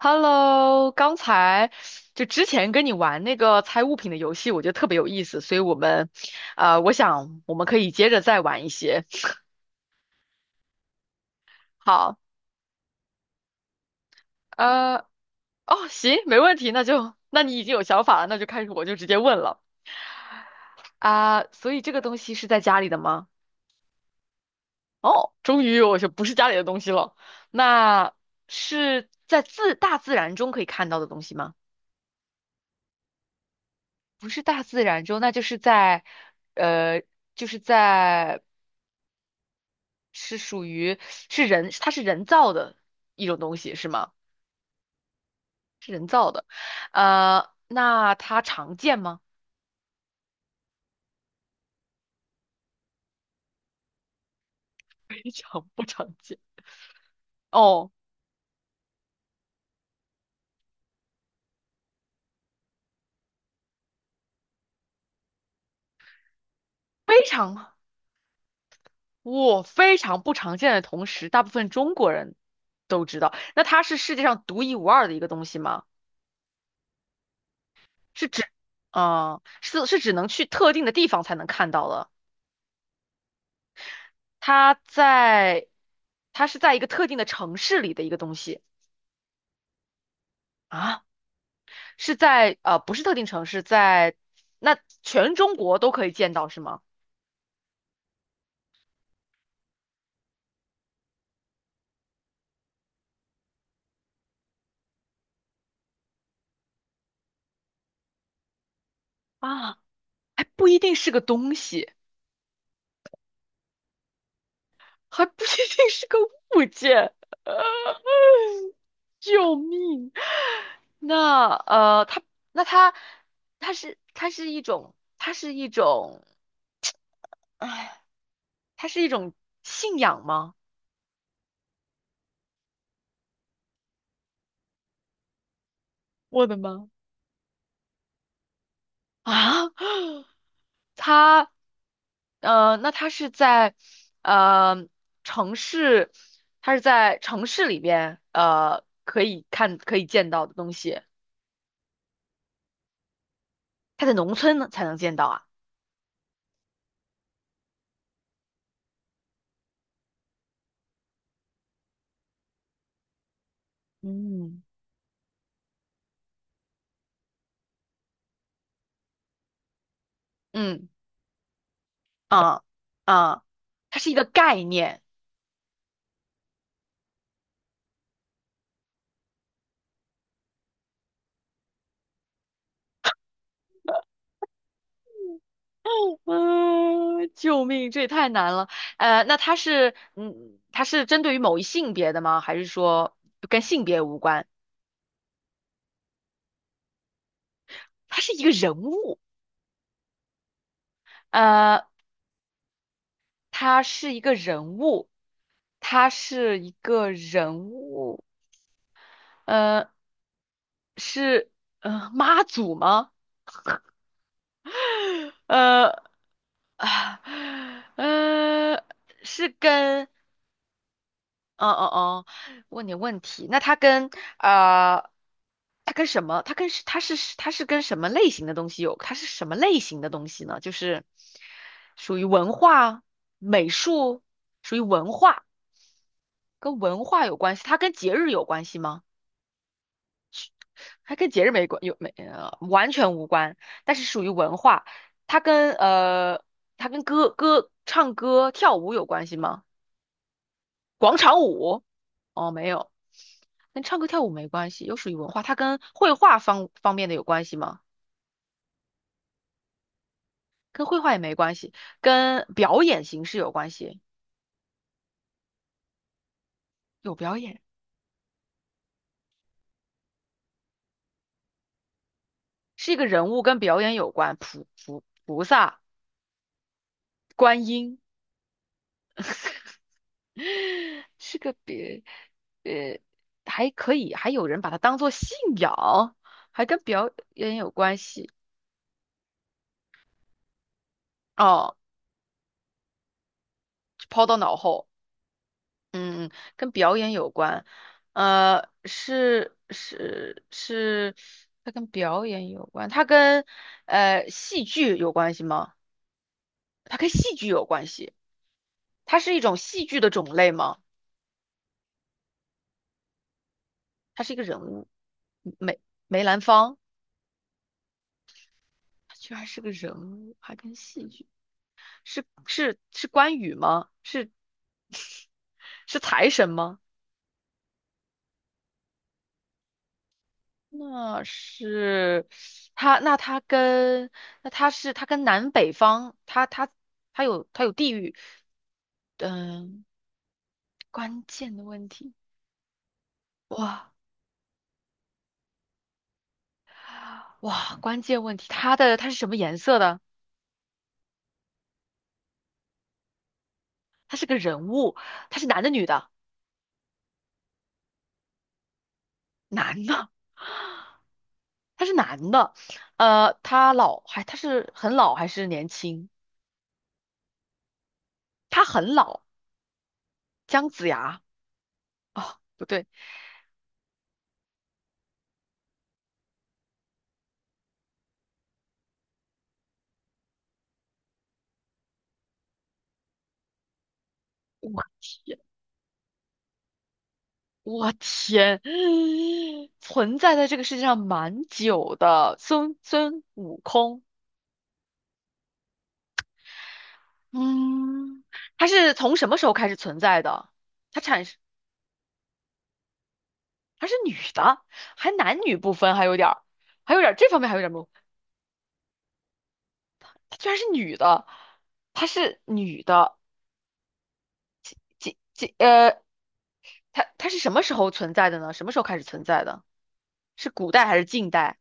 Hello，刚才就之前跟你玩那个猜物品的游戏，我觉得特别有意思，所以我们，我想我们可以接着再玩一些。好，呃，哦，行，没问题，那就，那你已经有想法了，那就开始，我就直接问了啊，所以这个东西是在家里的吗？哦，终于我就不是家里的东西了，那是在大自然中可以看到的东西吗？不是大自然中，那就是在，呃，就是在。是属于是人，它是人造的一种东西，是吗？那它常见吗？非常不常见。哦，非常，我非常不常见的同时，大部分中国人都知道。那它是世界上独一无二的一个东西吗？是指，是只能去特定的地方才能看到的。它在，它是在一个特定的城市里的一个东西啊。是在呃不是特定城市，在那全中国都可以见到是吗？啊，还不一定是个东西，还不一定是个物件，救命！它那它它是它是一种它是一种，哎，它是一种信仰吗？我的妈！啊，它，那它是在，呃，城市，它是在城市里边，可以见到的东西，它在农村呢才能见到啊。嗯嗯，啊啊，它是一个概念。嗯，救命，这也太难了。那它是，它是针对于某一性别的吗？还是说跟性别无关？它是一个人物。呃。他是一个人物，他是一个人物,呃，是妈祖吗？呃啊呃，是跟哦哦哦，问你问题，那他跟啊，他跟什么？他跟是他是他是跟什么类型的东西有？他是什么类型的东西呢？就是属于文化、美术，属于文化，跟文化有关系，它跟节日有关系吗？还跟节日没关，有没呃完全无关，但是属于文化。它跟呃，它跟唱歌跳舞有关系吗？广场舞？哦，没有，跟唱歌跳舞没关系，又属于文化。它跟绘画方面的有关系吗？跟绘画也没关系，跟表演形式有关系，有表演，是一个人物跟表演有关，菩萨、观音 是个别，呃，还可以，还有人把它当做信仰，还跟表演有关系哦，抛到脑后，嗯，跟表演有关，是是是，它跟表演有关，它跟戏剧有关系吗？它跟戏剧有关系，它是一种戏剧的种类吗？它是一个人物，梅梅兰芳，它居然是个人物，还跟戏剧。是关羽吗？是是财神吗？那是那他跟那他是他跟南北方，他有地域，嗯，关键的问题，哇哇，关键问题，他是什么颜色的？他是个人物，他是男的女的？男的，他是男的，他老还他是很老还是年轻？他很老，姜子牙。哦，不对，我我天，存在在这个世界上蛮久的，孙悟空，嗯，他是从什么时候开始存在的？他产生，他是女的，还男女不分，还有点儿这方面还有点儿模糊，她居然是女的，她是女的，几几呃，她是什么时候存在的呢？什么时候开始存在的？是古代还是近代？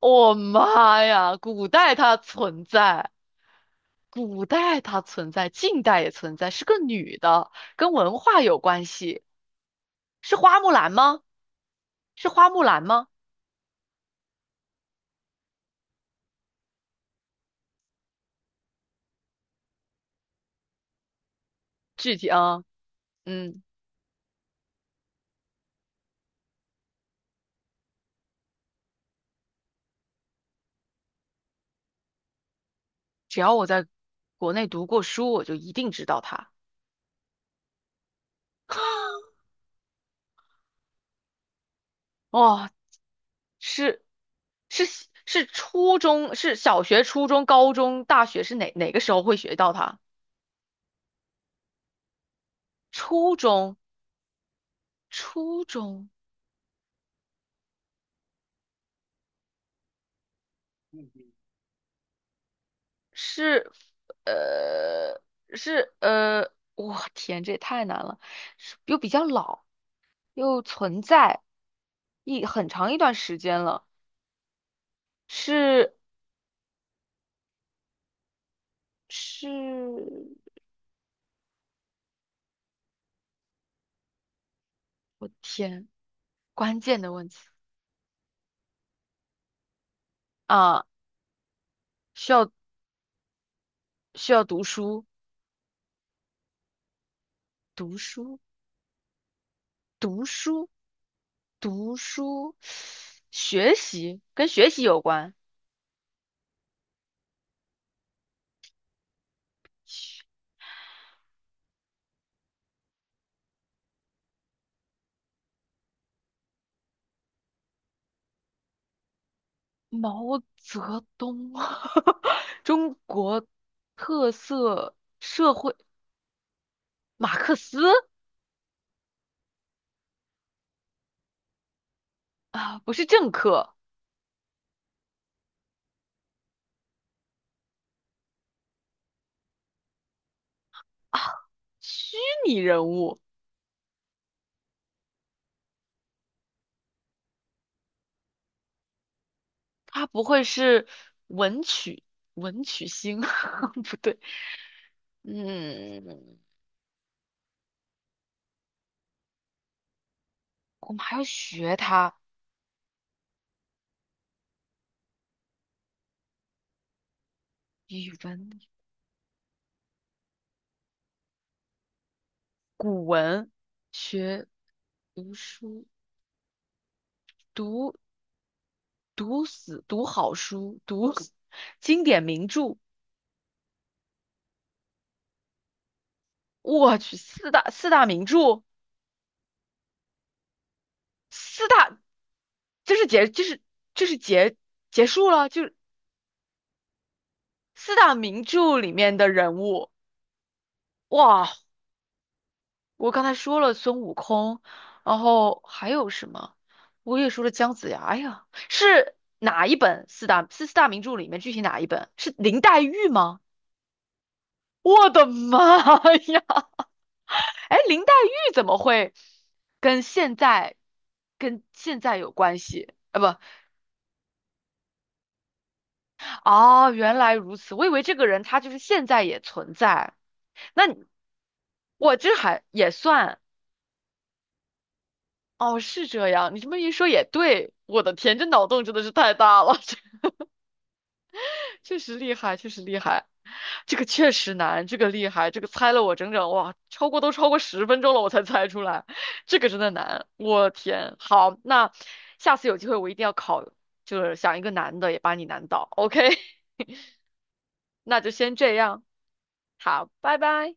妈呀，古代它存在。古代它存在，近代也存在，是个女的，跟文化有关系，是花木兰吗？是花木兰吗？具体啊，嗯，只要我在国内读过书，我就一定知道她。哦，是是是初中，是小学、初中、高中、大学是哪个时候会学到它？初中，初中是呃我天，这也太难了，是又比较老。又存在很长一段时间了，是是，我天，关键的问题啊，需要需要读书，读书，读书,学习跟学习有关，毛泽东，中国特色社会马克思啊，不是政客，虚拟人物。他不会是文曲文曲星？不对，嗯，我们还要学他语文、古文，学读书，读读死，读好书，读经典名著。我去，四大名著，四大就是结就是就是结结束了，就是四大名著里面的人物。哇，我刚才说了孙悟空，然后还有什么？我也说了姜子牙。哎呀，是哪一本四大名著里面具体哪一本？是林黛玉吗？我的妈呀！哎，林黛玉怎么会跟现在跟现在有关系？啊不，哦，原来如此，我以为这个人他就是现在也存在。那你我这还也算。哦，是这样，你这么一说也对，我的天，这脑洞真的是太大了，这确实厉害，确实厉害，这个确实难，这个厉害，这个猜了我整整哇，超过10分钟了，我才猜出来，这个真的难，我天，好，那下次有机会我一定要考，就是想一个难的也把你难倒，OK,那就先这样，好，拜拜。